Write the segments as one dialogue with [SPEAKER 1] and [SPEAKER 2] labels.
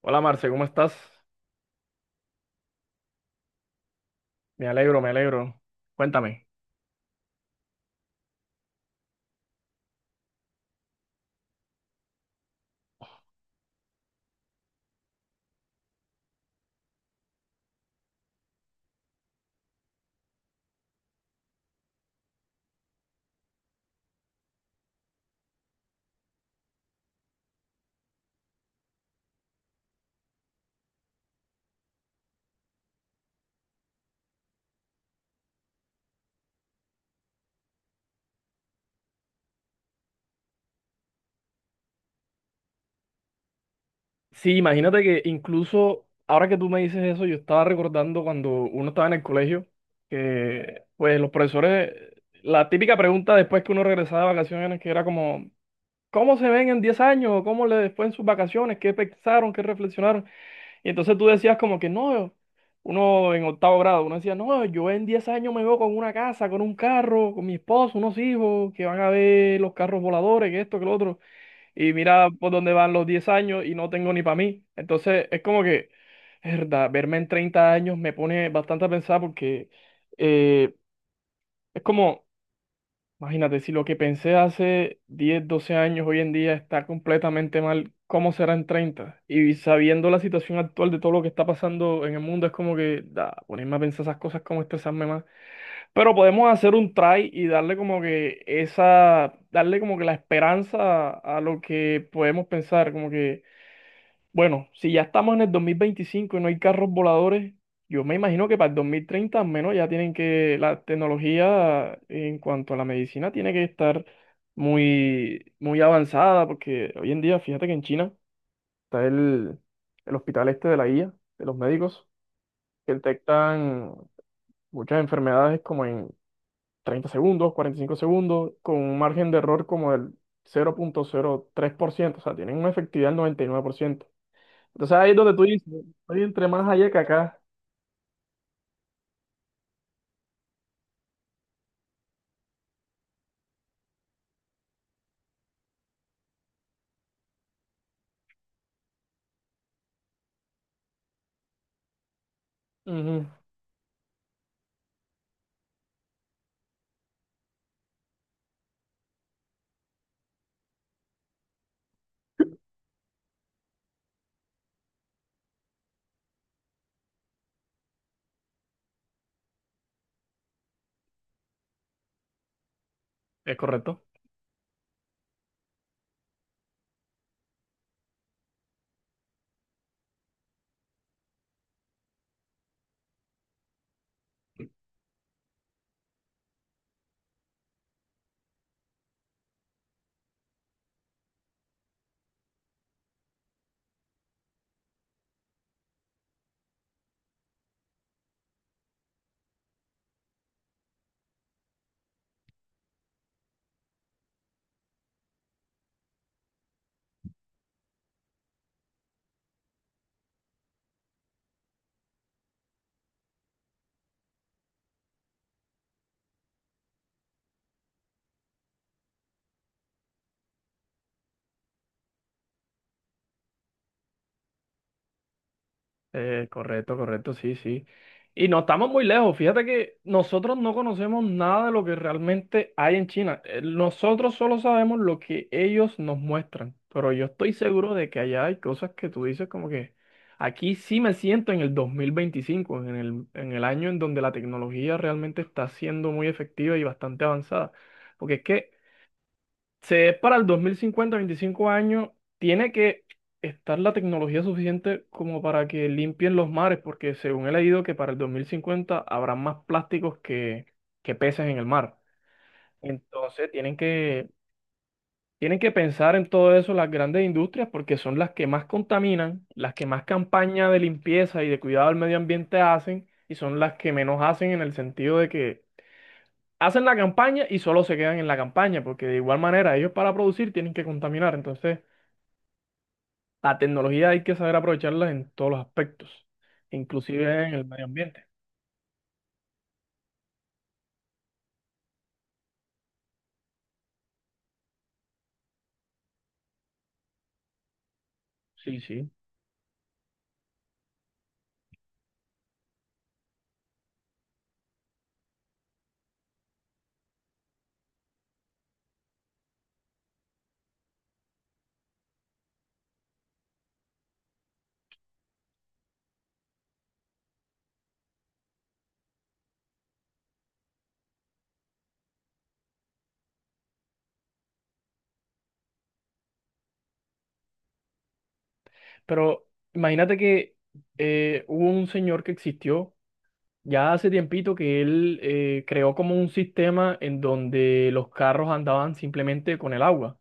[SPEAKER 1] Hola Marce, ¿cómo estás? Me alegro, me alegro. Cuéntame. Sí, imagínate que incluso ahora que tú me dices eso, yo estaba recordando cuando uno estaba en el colegio, que pues los profesores, la típica pregunta después que uno regresaba de vacaciones, que era como, ¿cómo se ven en 10 años? ¿Cómo les fue en sus vacaciones? ¿Qué pensaron? ¿Qué reflexionaron? Y entonces tú decías como que no, uno en octavo grado, uno decía, no, yo en 10 años me veo con una casa, con un carro, con mi esposo, unos hijos, que van a ver los carros voladores, que esto, que lo otro. Y mira por dónde van los 10 años y no tengo ni para mí. Entonces es como que, es verdad, verme en 30 años me pone bastante a pensar porque eh, es como, imagínate, si lo que pensé hace 10 12 años hoy en día está completamente mal, ¿cómo será en treinta? Y sabiendo la situación actual de todo lo que está pasando en el mundo, es como que, da, ponerme a pensar esas cosas, como estresarme más. Pero podemos hacer un try y darle como que esa, darle como que la esperanza a lo que podemos pensar, como que bueno, si ya estamos en el 2025 y no hay carros voladores, yo me imagino que para el 2030 al menos ya tienen que, la tecnología en cuanto a la medicina tiene que estar muy, muy avanzada, porque hoy en día, fíjate que en China está el hospital este de la IA, de los médicos, que detectan muchas enfermedades como en 30 segundos, 45 segundos, con un margen de error como del 0,03%, o sea, tienen una efectividad del 99%. Entonces ahí es donde tú dices, estoy entre más allá que acá. Ujú. Es correcto, correcto, correcto, sí, sí. Y no estamos muy lejos. Fíjate que nosotros no conocemos nada de lo que realmente hay en China. Nosotros solo sabemos lo que ellos nos muestran. Pero yo estoy seguro de que allá hay cosas que tú dices como que aquí sí me siento en el 2025 en el año en donde la tecnología realmente está siendo muy efectiva y bastante avanzada. Porque es que Se es para el 2050, 25 años, tiene que estar la tecnología suficiente como para que limpien los mares, porque según he leído que para el 2050 habrá más plásticos que peces en el mar. Entonces tienen que pensar en todo eso las grandes industrias, porque son las que más contaminan, las que más campaña de limpieza y de cuidado del medio ambiente hacen, y son las que menos hacen en el sentido de que hacen la campaña y solo se quedan en la campaña, porque de igual manera ellos para producir tienen que contaminar. Entonces, la tecnología hay que saber aprovecharla en todos los aspectos, inclusive en el medio ambiente. Sí, sí. Pero imagínate que hubo un señor que existió ya hace tiempito que él creó como un sistema en donde los carros andaban simplemente con el agua,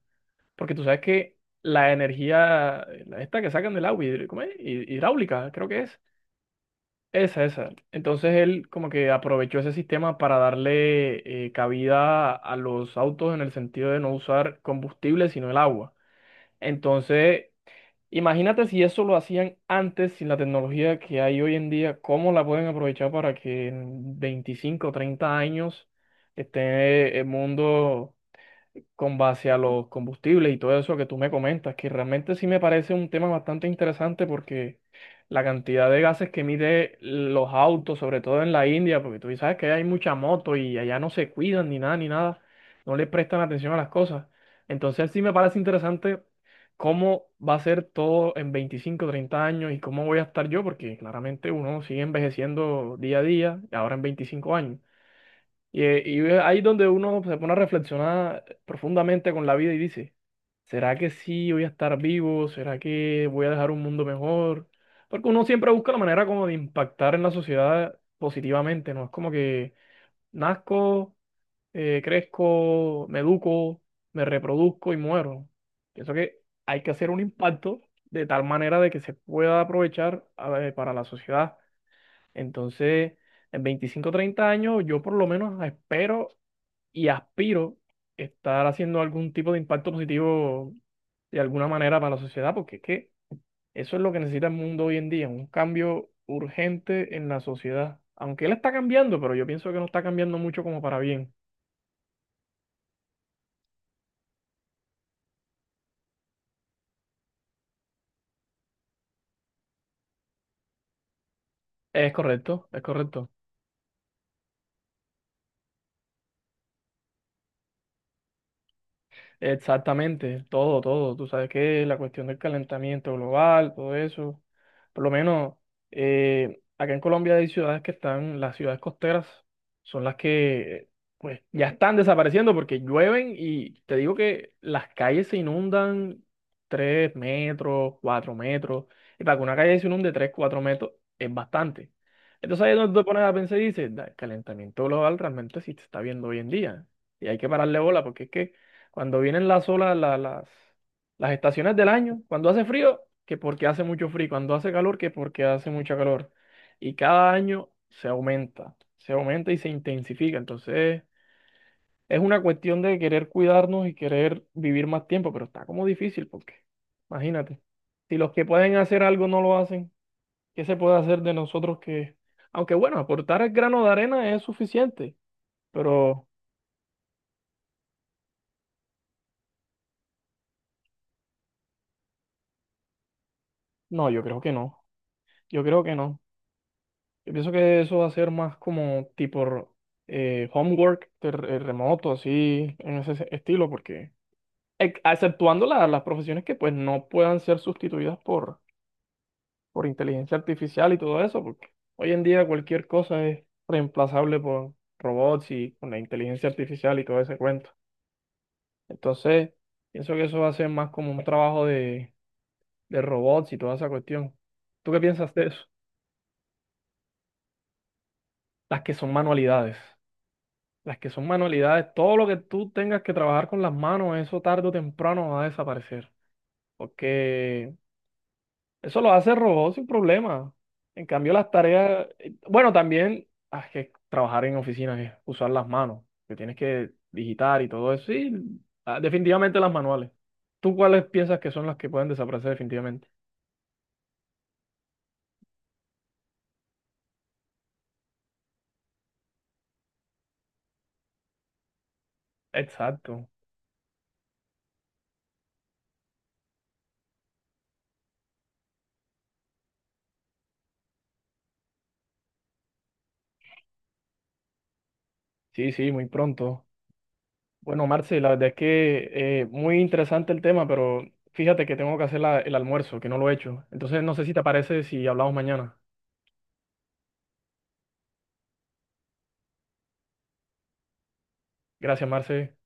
[SPEAKER 1] porque tú sabes que la energía, la esta que sacan del agua, ¿cómo es? Hidráulica, creo que es. Esa, esa. Entonces él como que aprovechó ese sistema para darle cabida a los autos en el sentido de no usar combustible, sino el agua. Entonces, imagínate si eso lo hacían antes sin la tecnología que hay hoy en día, ¿cómo la pueden aprovechar para que en 25 o 30 años esté el mundo con base a los combustibles y todo eso que tú me comentas, que realmente sí me parece un tema bastante interesante porque la cantidad de gases que mide los autos, sobre todo en la India, porque tú sabes que hay mucha moto y allá no se cuidan ni nada, ni nada, no le prestan atención a las cosas. Entonces sí me parece interesante cómo va a ser todo en 25 30 años y cómo voy a estar yo, porque claramente uno sigue envejeciendo día a día, y ahora en 25 años. Y ve ahí donde uno se pone a reflexionar profundamente con la vida y dice, ¿será que sí voy a estar vivo? ¿Será que voy a dejar un mundo mejor? Porque uno siempre busca la manera como de impactar en la sociedad positivamente, ¿no? Es como que nazco, crezco, me educo, me reproduzco y muero. Pienso que hay que hacer un impacto de tal manera de que se pueda aprovechar para la sociedad. Entonces, en 25 o 30 años, yo por lo menos espero y aspiro estar haciendo algún tipo de impacto positivo de alguna manera para la sociedad, porque es que eso es lo que necesita el mundo hoy en día, un cambio urgente en la sociedad. Aunque él está cambiando, pero yo pienso que no está cambiando mucho como para bien. Es correcto, es correcto. Exactamente, todo, todo. Tú sabes que la cuestión del calentamiento global, todo eso. Por lo menos acá en Colombia hay ciudades que están, las ciudades costeras son las que pues ya están desapareciendo porque llueven y te digo que las calles se inundan 3 metros, 4 metros. Y para que una calle se inunde 3 4 metros es bastante. Entonces ahí es donde te pones a pensar y dices: "Da, el calentamiento global realmente sí se está viendo hoy en día". Y hay que pararle bola porque es que cuando vienen las olas, las estaciones del año, cuando hace frío, que porque hace mucho frío, cuando hace calor, que porque hace mucha calor. Y cada año se aumenta y se intensifica. Entonces, es una cuestión de querer cuidarnos y querer vivir más tiempo, pero está como difícil porque, imagínate, si los que pueden hacer algo no lo hacen, ¿qué se puede hacer de nosotros que, aunque bueno, aportar el grano de arena es suficiente, pero no, yo creo que no, yo creo que no. Yo pienso que eso va a ser más como tipo homework de remoto, así, en ese estilo, porque exceptuando las profesiones que pues no puedan ser sustituidas por inteligencia artificial y todo eso, porque hoy en día cualquier cosa es reemplazable por robots y con la inteligencia artificial y todo ese cuento. Entonces, pienso que eso va a ser más como un trabajo de robots y toda esa cuestión. ¿Tú qué piensas de eso? Las que son manualidades. Las que son manualidades, todo lo que tú tengas que trabajar con las manos, eso tarde o temprano va a desaparecer. Porque eso lo hace el robot sin problema. En cambio, las tareas, bueno, también hay que trabajar en oficinas es usar las manos, que tienes que digitar y todo eso. Sí, ah, definitivamente las manuales. ¿Tú cuáles piensas que son las que pueden desaparecer definitivamente? Exacto. Sí, sí, muy pronto. Bueno, Marce, la verdad es que muy interesante el tema, pero fíjate que tengo que hacer el almuerzo, que no lo he hecho. Entonces, no sé si te parece si hablamos mañana. Gracias, Marce.